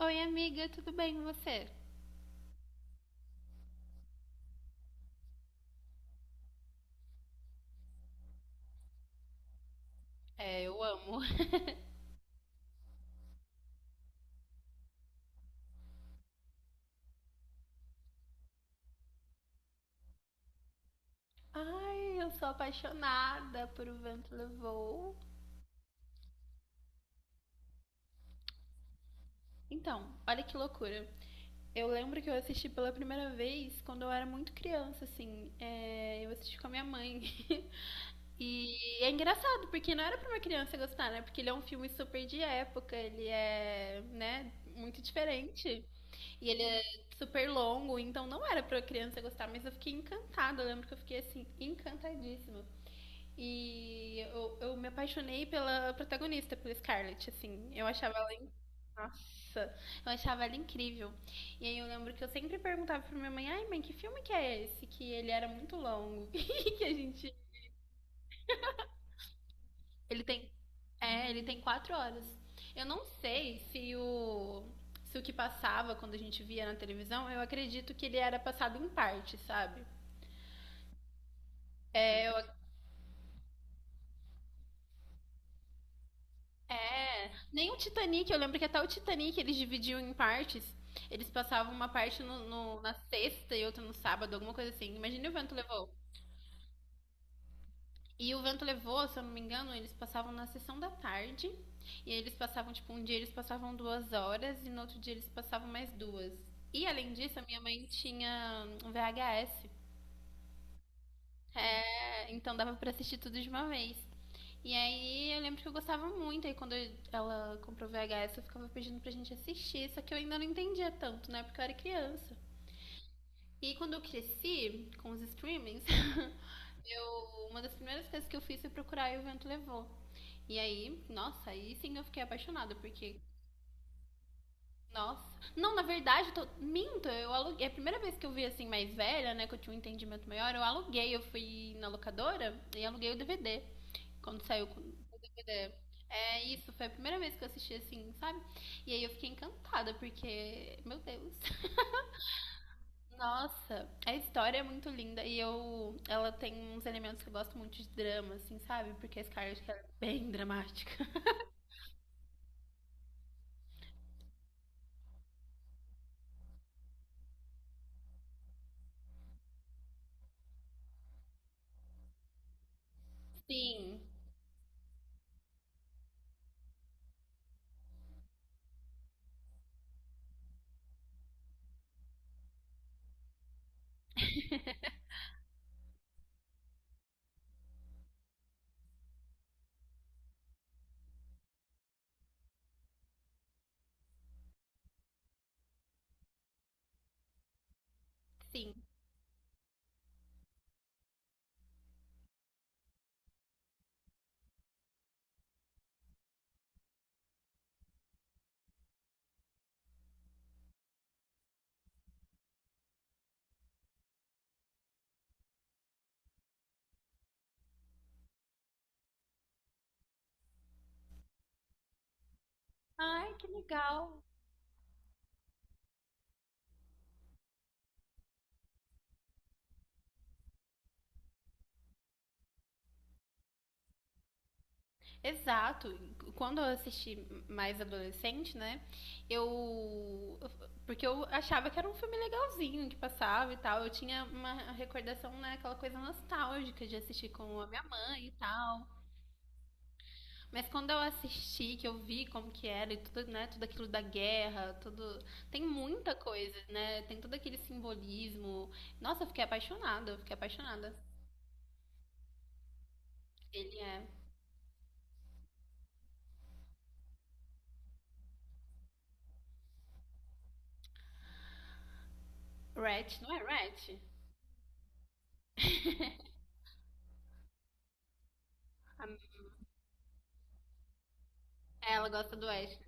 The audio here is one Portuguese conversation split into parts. Oi, amiga, tudo bem com você? É, eu amo. Ai, eu sou apaixonada por O Vento Levou. Então, olha que loucura. Eu lembro que eu assisti pela primeira vez quando eu era muito criança, assim. É, eu assisti com a minha mãe. E é engraçado, porque não era pra uma criança gostar, né? Porque ele é um filme super de época, ele é, né, muito diferente. E ele é super longo, então não era pra criança gostar, mas eu fiquei encantada. Eu lembro que eu fiquei, assim, encantadíssima. E eu me apaixonei pela protagonista, pela Scarlett, assim. Eu achava ela, nossa, eu achava ela incrível. E aí eu lembro que eu sempre perguntava pra minha mãe: ai, mãe, que filme que é esse? Que ele era muito longo. Que a gente. Ele tem. É, ele tem 4 horas. Eu não sei se o. Se o que passava quando a gente via na televisão, eu acredito que ele era passado em parte, sabe? É. É, nem o Titanic, eu lembro que até o Titanic eles dividiam em partes. Eles passavam uma parte na sexta e outra no sábado, alguma coisa assim. Imagina O Vento Levou. E O Vento Levou, se eu não me engano, eles passavam na sessão da tarde. E eles passavam, tipo, um dia eles passavam 2 horas e no outro dia eles passavam mais duas. E além disso, a minha mãe tinha um VHS. É, então dava pra assistir tudo de uma vez. E aí eu lembro que eu gostava muito. Aí quando ela comprou VHS, eu ficava pedindo pra gente assistir. Só que eu ainda não entendia tanto, né? Porque eu era criança. E quando eu cresci com os streamings, eu, uma das primeiras coisas que eu fiz foi procurar E o Vento Levou. E aí, nossa, aí sim eu fiquei apaixonada, porque nossa. Não, na verdade, minto, eu aluguei. É a primeira vez que eu vi assim, mais velha, né, que eu tinha um entendimento maior, eu aluguei, eu fui na locadora e aluguei o DVD. Quando saiu com o DVD. É isso, foi a primeira vez que eu assisti assim, sabe? E aí eu fiquei encantada, porque, meu Deus. Nossa, a história é muito linda e eu, ela tem uns elementos que eu gosto muito de drama, assim, sabe? Porque a Scarlett ela é bem dramática. Sim, sim. Ai, que legal. Exato. Quando eu assisti mais adolescente, né? Eu. Porque eu achava que era um filme legalzinho que passava e tal. Eu tinha uma recordação, né? Aquela coisa nostálgica de assistir com a minha mãe e tal. Mas quando eu assisti, que eu vi como que era e tudo, né? Tudo aquilo da guerra, tudo. Tem muita coisa, né? Tem todo aquele simbolismo. Nossa, eu fiquei apaixonada, eu fiquei apaixonada. Ele é. Ratch, não é Ratch? Ela gosta do Ash.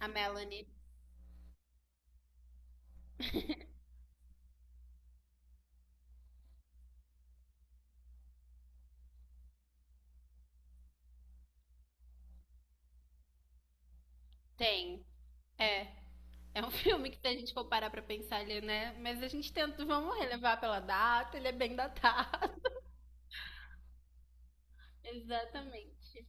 A Melanie. Tem. É. É um filme que, se a gente for parar pra pensar ele, né? Mas a gente tenta, vamos relevar pela data, ele é bem datado. Exatamente.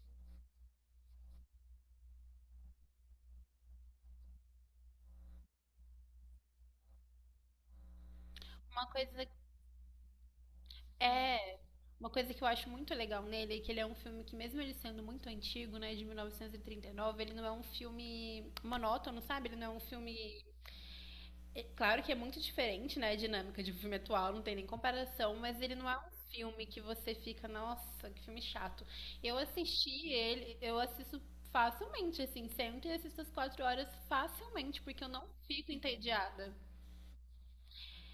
Uma coisa é. Uma coisa que eu acho muito legal nele é que ele é um filme que, mesmo ele sendo muito antigo, né, de 1939, ele não é um filme monótono, sabe? Ele não é um filme. É claro que é muito diferente, né? A dinâmica de um filme atual, não tem nem comparação, mas ele não é um filme que você fica, nossa, que filme chato. Eu assisti ele, eu assisto facilmente, assim, sempre assisto as 4 horas facilmente, porque eu não fico entediada.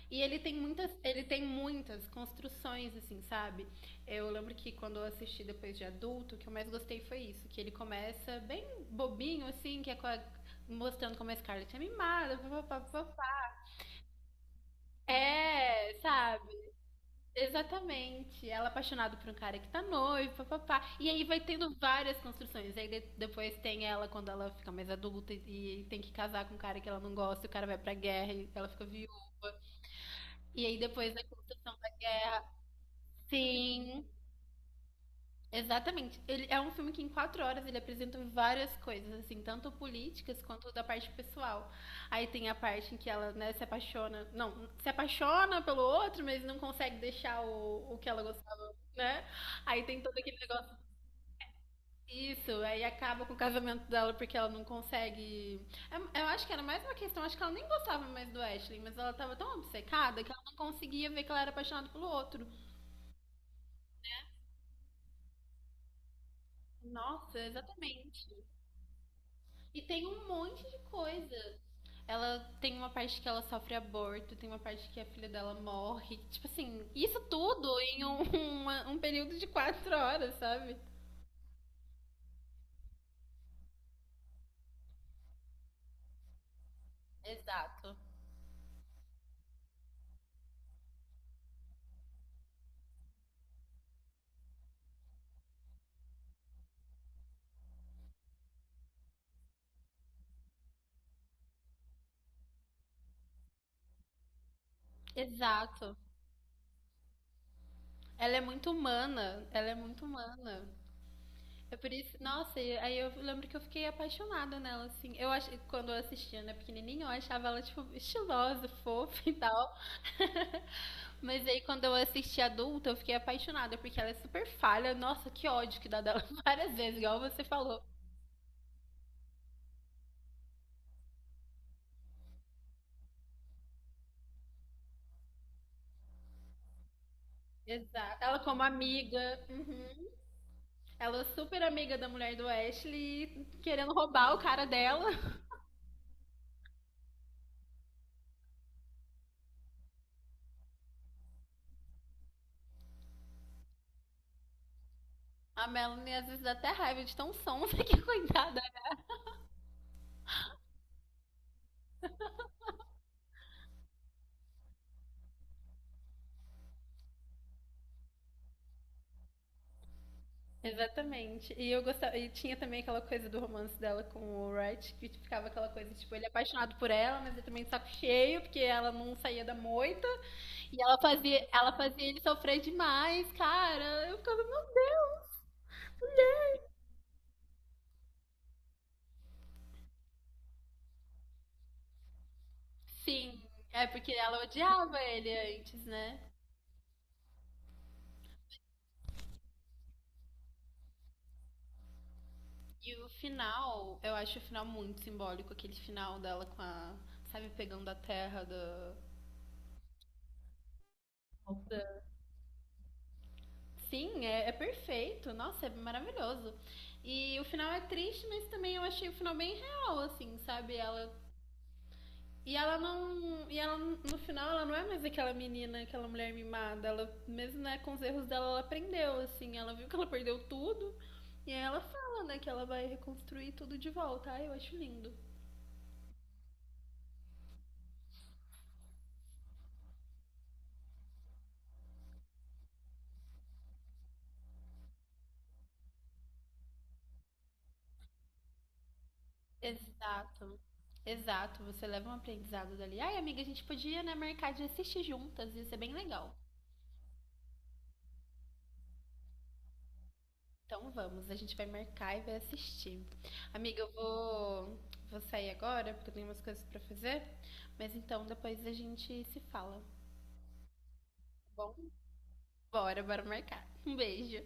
E ele tem muitas construções, assim, sabe? Eu lembro que quando eu assisti depois de adulto, o que eu mais gostei foi isso, que ele começa bem bobinho, assim, que é com a- mostrando como a Scarlett é mimada, papapá. É, sabe? Exatamente. Ela é apaixonada por um cara que tá noivo, papapá. E aí vai tendo várias construções. Aí depois tem ela quando ela fica mais adulta e tem que casar com um cara que ela não gosta, e o cara vai pra guerra e ela fica viúva. E aí depois da construção da guerra. Sim. Exatamente. Ele é um filme que em 4 horas ele apresenta várias coisas, assim, tanto políticas quanto da parte pessoal. Aí tem a parte em que ela, né, se apaixona. Não, se apaixona pelo outro, mas não consegue deixar o que ela gostava, né? Aí tem todo aquele negócio. Isso, aí acaba com o casamento dela porque ela não consegue. Eu acho que era mais uma questão, acho que ela nem gostava mais do Ashley, mas ela tava tão obcecada que ela não conseguia ver que ela era apaixonada pelo outro. Nossa, exatamente. E tem um monte de coisa. Ela tem uma parte que ela sofre aborto, tem uma parte que a filha dela morre. Tipo assim, isso tudo em um, um período de 4 horas, sabe? Exato. Exato. Ela é muito humana. Ela é muito humana. É por isso, nossa, e aí eu lembro que eu fiquei apaixonada nela, assim. Quando eu assistia, né, pequenininha, eu achava ela, tipo, estilosa, fofa e tal. Mas aí quando eu assisti adulta, eu fiquei apaixonada, porque ela é super falha. Nossa, que ódio que dá dela várias vezes, igual você falou. Exato. Ela como amiga. Uhum. Ela é super amiga da mulher do Ashley, querendo roubar o cara dela. A Melanie às vezes dá até raiva de tão sonsa que coitada. Exatamente. E eu gostava, e tinha também aquela coisa do romance dela com o Wright, que ficava aquela coisa, tipo, ele é apaixonado por ela, mas ele também de saco cheio, porque ela não saía da moita. E ela fazia ele sofrer demais, cara. Eu ficava, meu Deus. Sim, é porque ela odiava ele antes, né? E o final, eu acho o final muito simbólico, aquele final dela com a, sabe, pegando a terra do. Sim, é perfeito. Nossa, é maravilhoso. E o final é triste, mas também eu achei o final bem real, assim, sabe? Ela e ela não. E ela, no final, ela não é mais aquela menina, aquela mulher mimada. Ela, mesmo né, com os erros dela, ela aprendeu, assim. Ela viu que ela perdeu tudo. E aí ela fala, né, que ela vai reconstruir tudo de volta. Ai, eu acho lindo. Exato. Exato. Você leva um aprendizado dali. Ai, amiga, a gente podia, né, marcar de assistir juntas. Ia ser bem legal. Então vamos, a gente vai marcar e vai assistir. Amiga, eu vou sair agora, porque eu tenho umas coisas pra fazer. Mas então depois a gente se fala, tá bom? Bora, bora marcar. Um beijo.